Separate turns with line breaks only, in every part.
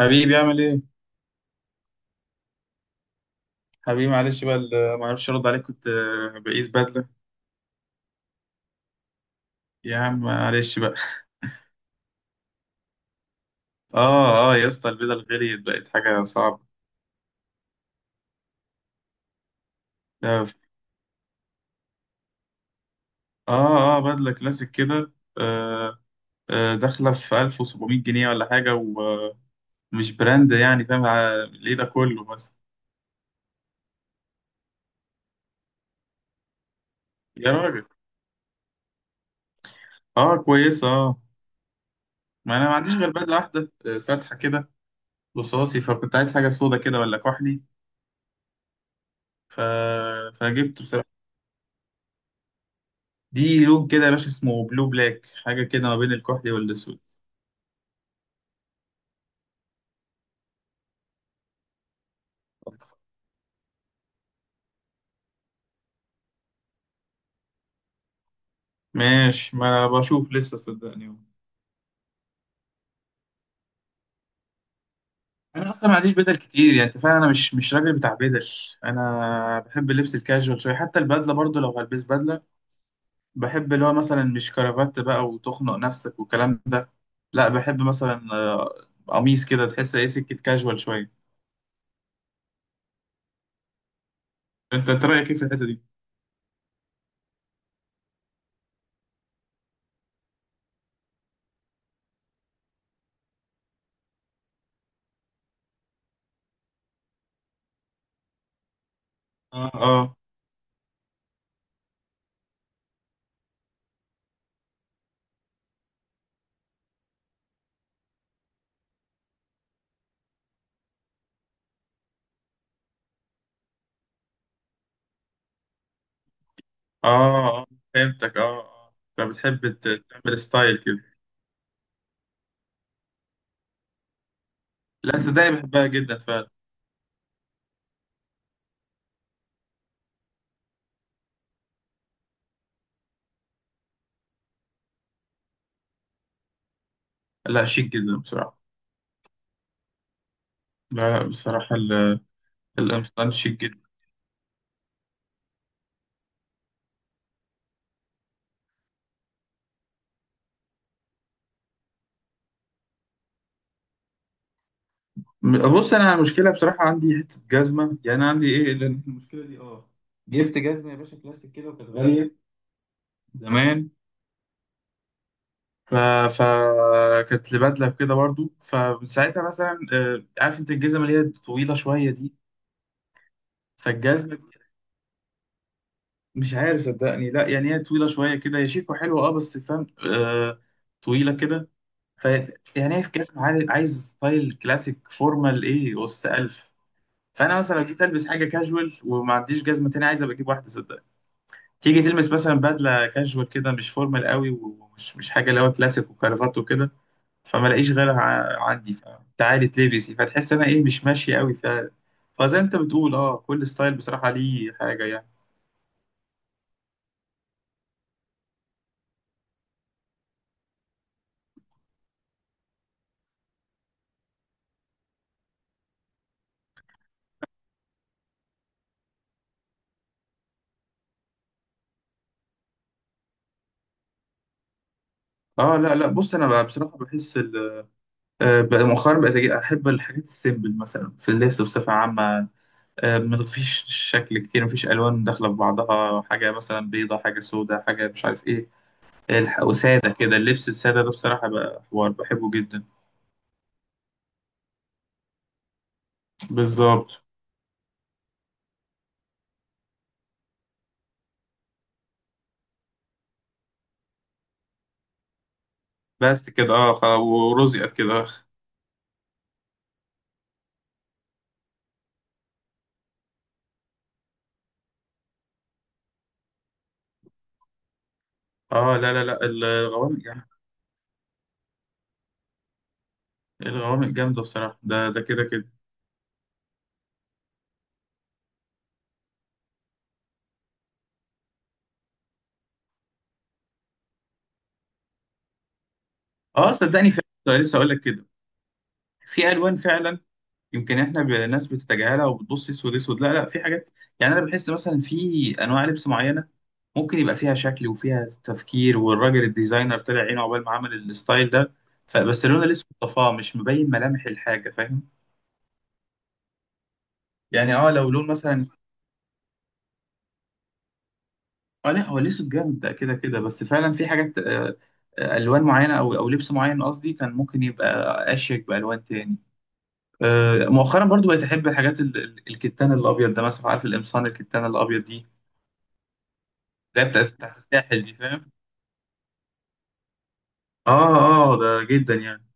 حبيبي، اعمل ايه؟ حبيبي معلش بقى، ما اعرفش ارد عليك، كنت بقيس بدله. يا عم معلش بقى. اه، اه، يا اسطى، البدل غليت، بقت حاجه صعبه. لا. اه، اه، بدله كلاسيك كده. آه. داخله في 1700 جنيه ولا حاجه ومش براند، يعني فاهم ايه ده كله مثلا؟ يا راجل. اه، كويسه، اه. ما انا ما عنديش غير بدله واحده، فاتحه كده. رصاصي، فكنت عايز حاجه سودا كده ولا كحلي. ف... فجبت بصراحة. دي لون كده يا باشا، اسمه بلو بلاك، حاجة كده ما بين الكحلي والأسود. ماشي، ما أنا بشوف لسه، صدقني. أنا أصلا ما عنديش بدل كتير، يعني أنت فاهم، أنا مش راجل بتاع بدل. أنا بحب اللبس الكاجوال شوية، حتى البدلة برضو لو هلبس بدلة. بحب اللي هو مثلا مش كرافات بقى وتخنق نفسك والكلام ده. لا، بحب مثلا قميص كده، تحس إيه، سكة كاجوال شوية. أنت رأيك إيه في الحتة دي؟ آه، آه، آه. آه، فهمتك، آه، آه. أنت بتحب تعمل ستايل كده؟ لا صدقني، بحبها جدا فعلا. لا، شيك جدا بصراحة. لا، لا، بصراحة القمصان شيك جدا. بص، أنا المشكلة بصراحة عندي حتة جزمة، يعني عندي إيه، لأن المشكلة دي جبت جزمة يا باشا كلاسيك كده، وكانت غالية زمان. ف... ف كانت لبدلة كده برضو، فساعتها مثلا عارف أنت الجزمة اللي هي طويلة شوية دي. فالجزمة دي، مش عارف صدقني، لا يعني هي طويلة شوية كده، هي شيك وحلوة، أه بس فاهم. آه. طويلة كده. ف يعني هي في كاس، عايز ستايل كلاسيك فورمال ايه اس 1000. فانا مثلا لو جيت البس حاجه كاجوال وما عنديش جزمه تاني، عايز ابقى اجيب واحده، صدق. تيجي تلبس مثلا بدله كاجوال كده، مش فورمال قوي، ومش مش حاجه اللي هو كلاسيك وكرافات وكده. فما لاقيش غيرها عندي، فتعالي تلبسي، فتحس انا ايه مش ماشي قوي. فزي ما انت بتقول، اه، كل ستايل بصراحه ليه حاجه يعني. اه، لا، لا، بص، انا بقى بصراحه بحس بقى مؤخرا بقيت احب الحاجات السيمبل مثلا في اللبس بصفه عامه. ما فيش شكل كتير، ما فيش الوان داخله في بعضها، حاجه مثلا بيضه، حاجه سوداء، حاجه مش عارف ايه. وسادة كده، اللبس السادة ده بصراحة بقى حوار بحبه جدا. بالظبط. بس كده، اه، ورزقت كده. اه، لا، لا، لا. الغوامق جامدة. الغوامق جامدة بصراحة، ده كده كده. اه، صدقني فعلا كنت لسه اقول لك كده. في الوان فعلا. يمكن احنا ناس بتتجاهلها وبتبص اسود اسود، لا، لا، في حاجات. يعني انا بحس مثلا في انواع لبس معينة، ممكن يبقى فيها شكل وفيها تفكير، والراجل الديزاينر طلع عينه عقبال ما عمل الستايل ده. فبس اللون الاسود طفاه، مش مبين ملامح الحاجة، فاهم. يعني، اه، لو لون مثلا. اه، لا، هو الاسود جامد ده كده كده، بس فعلا في حاجات الوان معينه او لبس معين قصدي، كان ممكن يبقى اشيك بالوان تاني. مؤخرا برضو بقيت احب الحاجات الكتان الابيض ده مثلا، عارف القمصان الكتان الابيض دي، اللي هي بتاعت الساحل دي، فاهم. اه، اه، ده جدا يعني.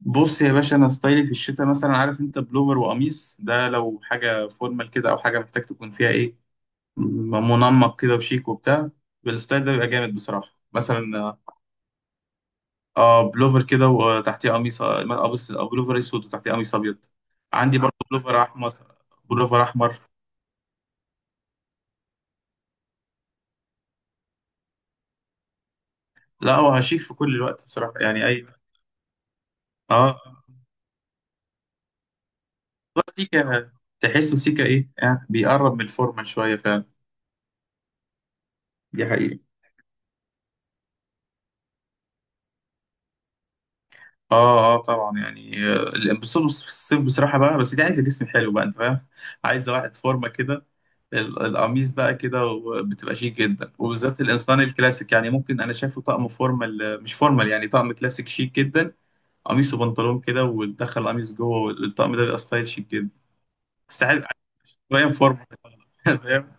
بص يا باشا، انا ستايلي في الشتاء مثلا، عارف انت، بلوفر وقميص، ده لو حاجه فورمال كده، او حاجه محتاج تكون فيها ايه، منمق كده وشيك وبتاع. بالستايل ده بيبقى جامد بصراحه مثلا. اه، بلوفر كده وتحتيه قميص بلوفر اسود وتحتيه قميص ابيض. عندي برضه بلوفر احمر. بلوفر احمر. لا هو شيك في كل الوقت بصراحه، يعني اي. اه. هو سيكا. تحسه سيكا، ايه يعني، بيقرب من الفورمال شويه فعلا. دي حقيقة. اه، اه، طبعا يعني بس في الصيف بصراحة بقى، بس دي عايزة جسم حلو بقى، انت فاهم. عايزة واحد فورمة كده. القميص بقى كده بتبقى شيك جدا، وبالذات الانسان الكلاسيك، يعني ممكن انا شايفه طقم فورمال، مش فورمال يعني، طقم كلاسيك شيك جدا. قميص وبنطلون كده، وتدخل قميص جوه، والطقم ده بيبقى ستايل شيك جدا. تستحق شويه فورمه. فاهم.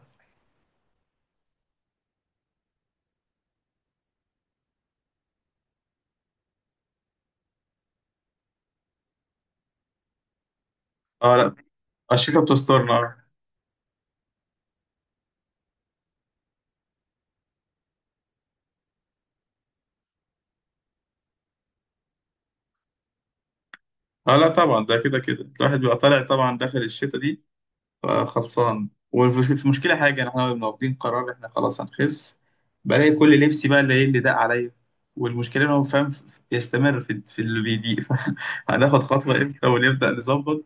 اه، لا، الشتا بتسترنا، اه. لا طبعا، ده كده كده الواحد بيبقى طالع طبعا داخل الشتا دي. خلصان، وفي مشكله حاجه، احنا كنا واخدين قرار احنا خلاص هنخس. بلاقي كل لبسي بقى اللي، ايه، اللي داق عليا. والمشكله ان هو فاهم، يستمر في اللي بيضيق. هناخد خطوه امتى ونبدا نظبط؟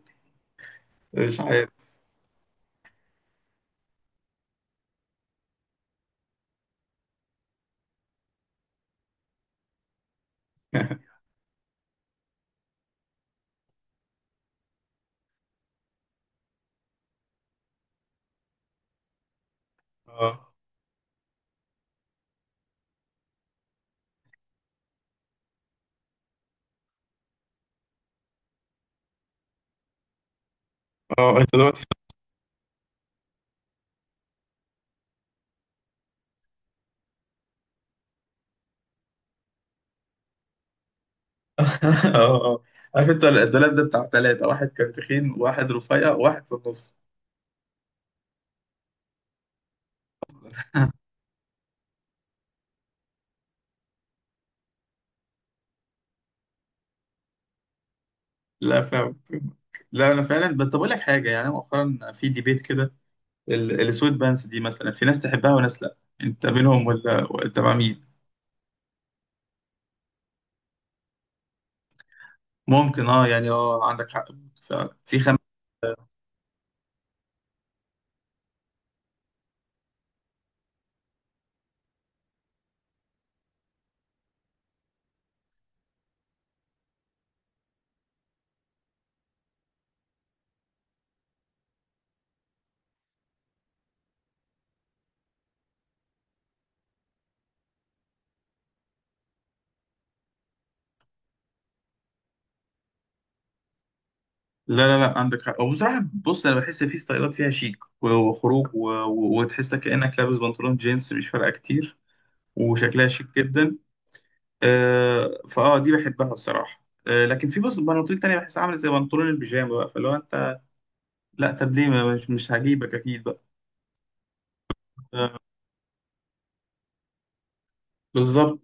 مش عارف. اه، اه، انت دلوقتي. اه، اه، اه. عارف انت، الدولاب ده بتاع ثلاثة، واحد كان تخين وواحد رفيع وواحد في النص. لا فاهم. لا انا فعلا، بس طب اقول لك حاجه يعني، أنا مؤخرا في ديبيت كده. السويت بانس دي مثلا، في ناس تحبها وناس لا. انت منهم ولا انت مع مين؟ ممكن، اه، يعني، اه، عندك حق. فعلا في لا، لا، لا، عندك حق، وبصراحه بص، انا بحس في ستايلات فيها شيك وخروج وتحس كانك لابس بنطلون جينز مش فارقه كتير، وشكلها شيك جدا. فاه دي بحبها بصراحه. لكن في، بص، بناطيل تانية بحس عامله زي بنطلون البيجامه بقى، فلو انت، لا طب ليه مش هجيبك اكيد بقى. آه. بالظبط.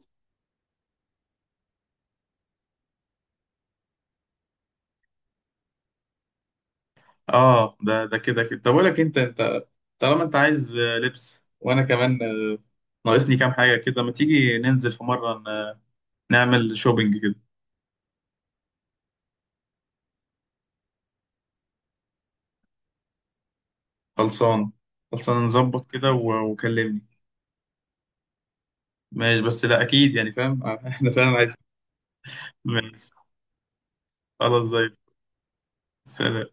اه، ده كده كده، طب اقول لك، انت طالما انت عايز لبس، وانا كمان ناقصني كام حاجه كده، ما تيجي ننزل في مره نعمل شوبينج كده. خلصان. خلصان، نظبط كده وكلمني. ماشي بس لا اكيد يعني، فاهم، احنا فعلا عايزين. ماشي. خلاص، زي الفل. سلام.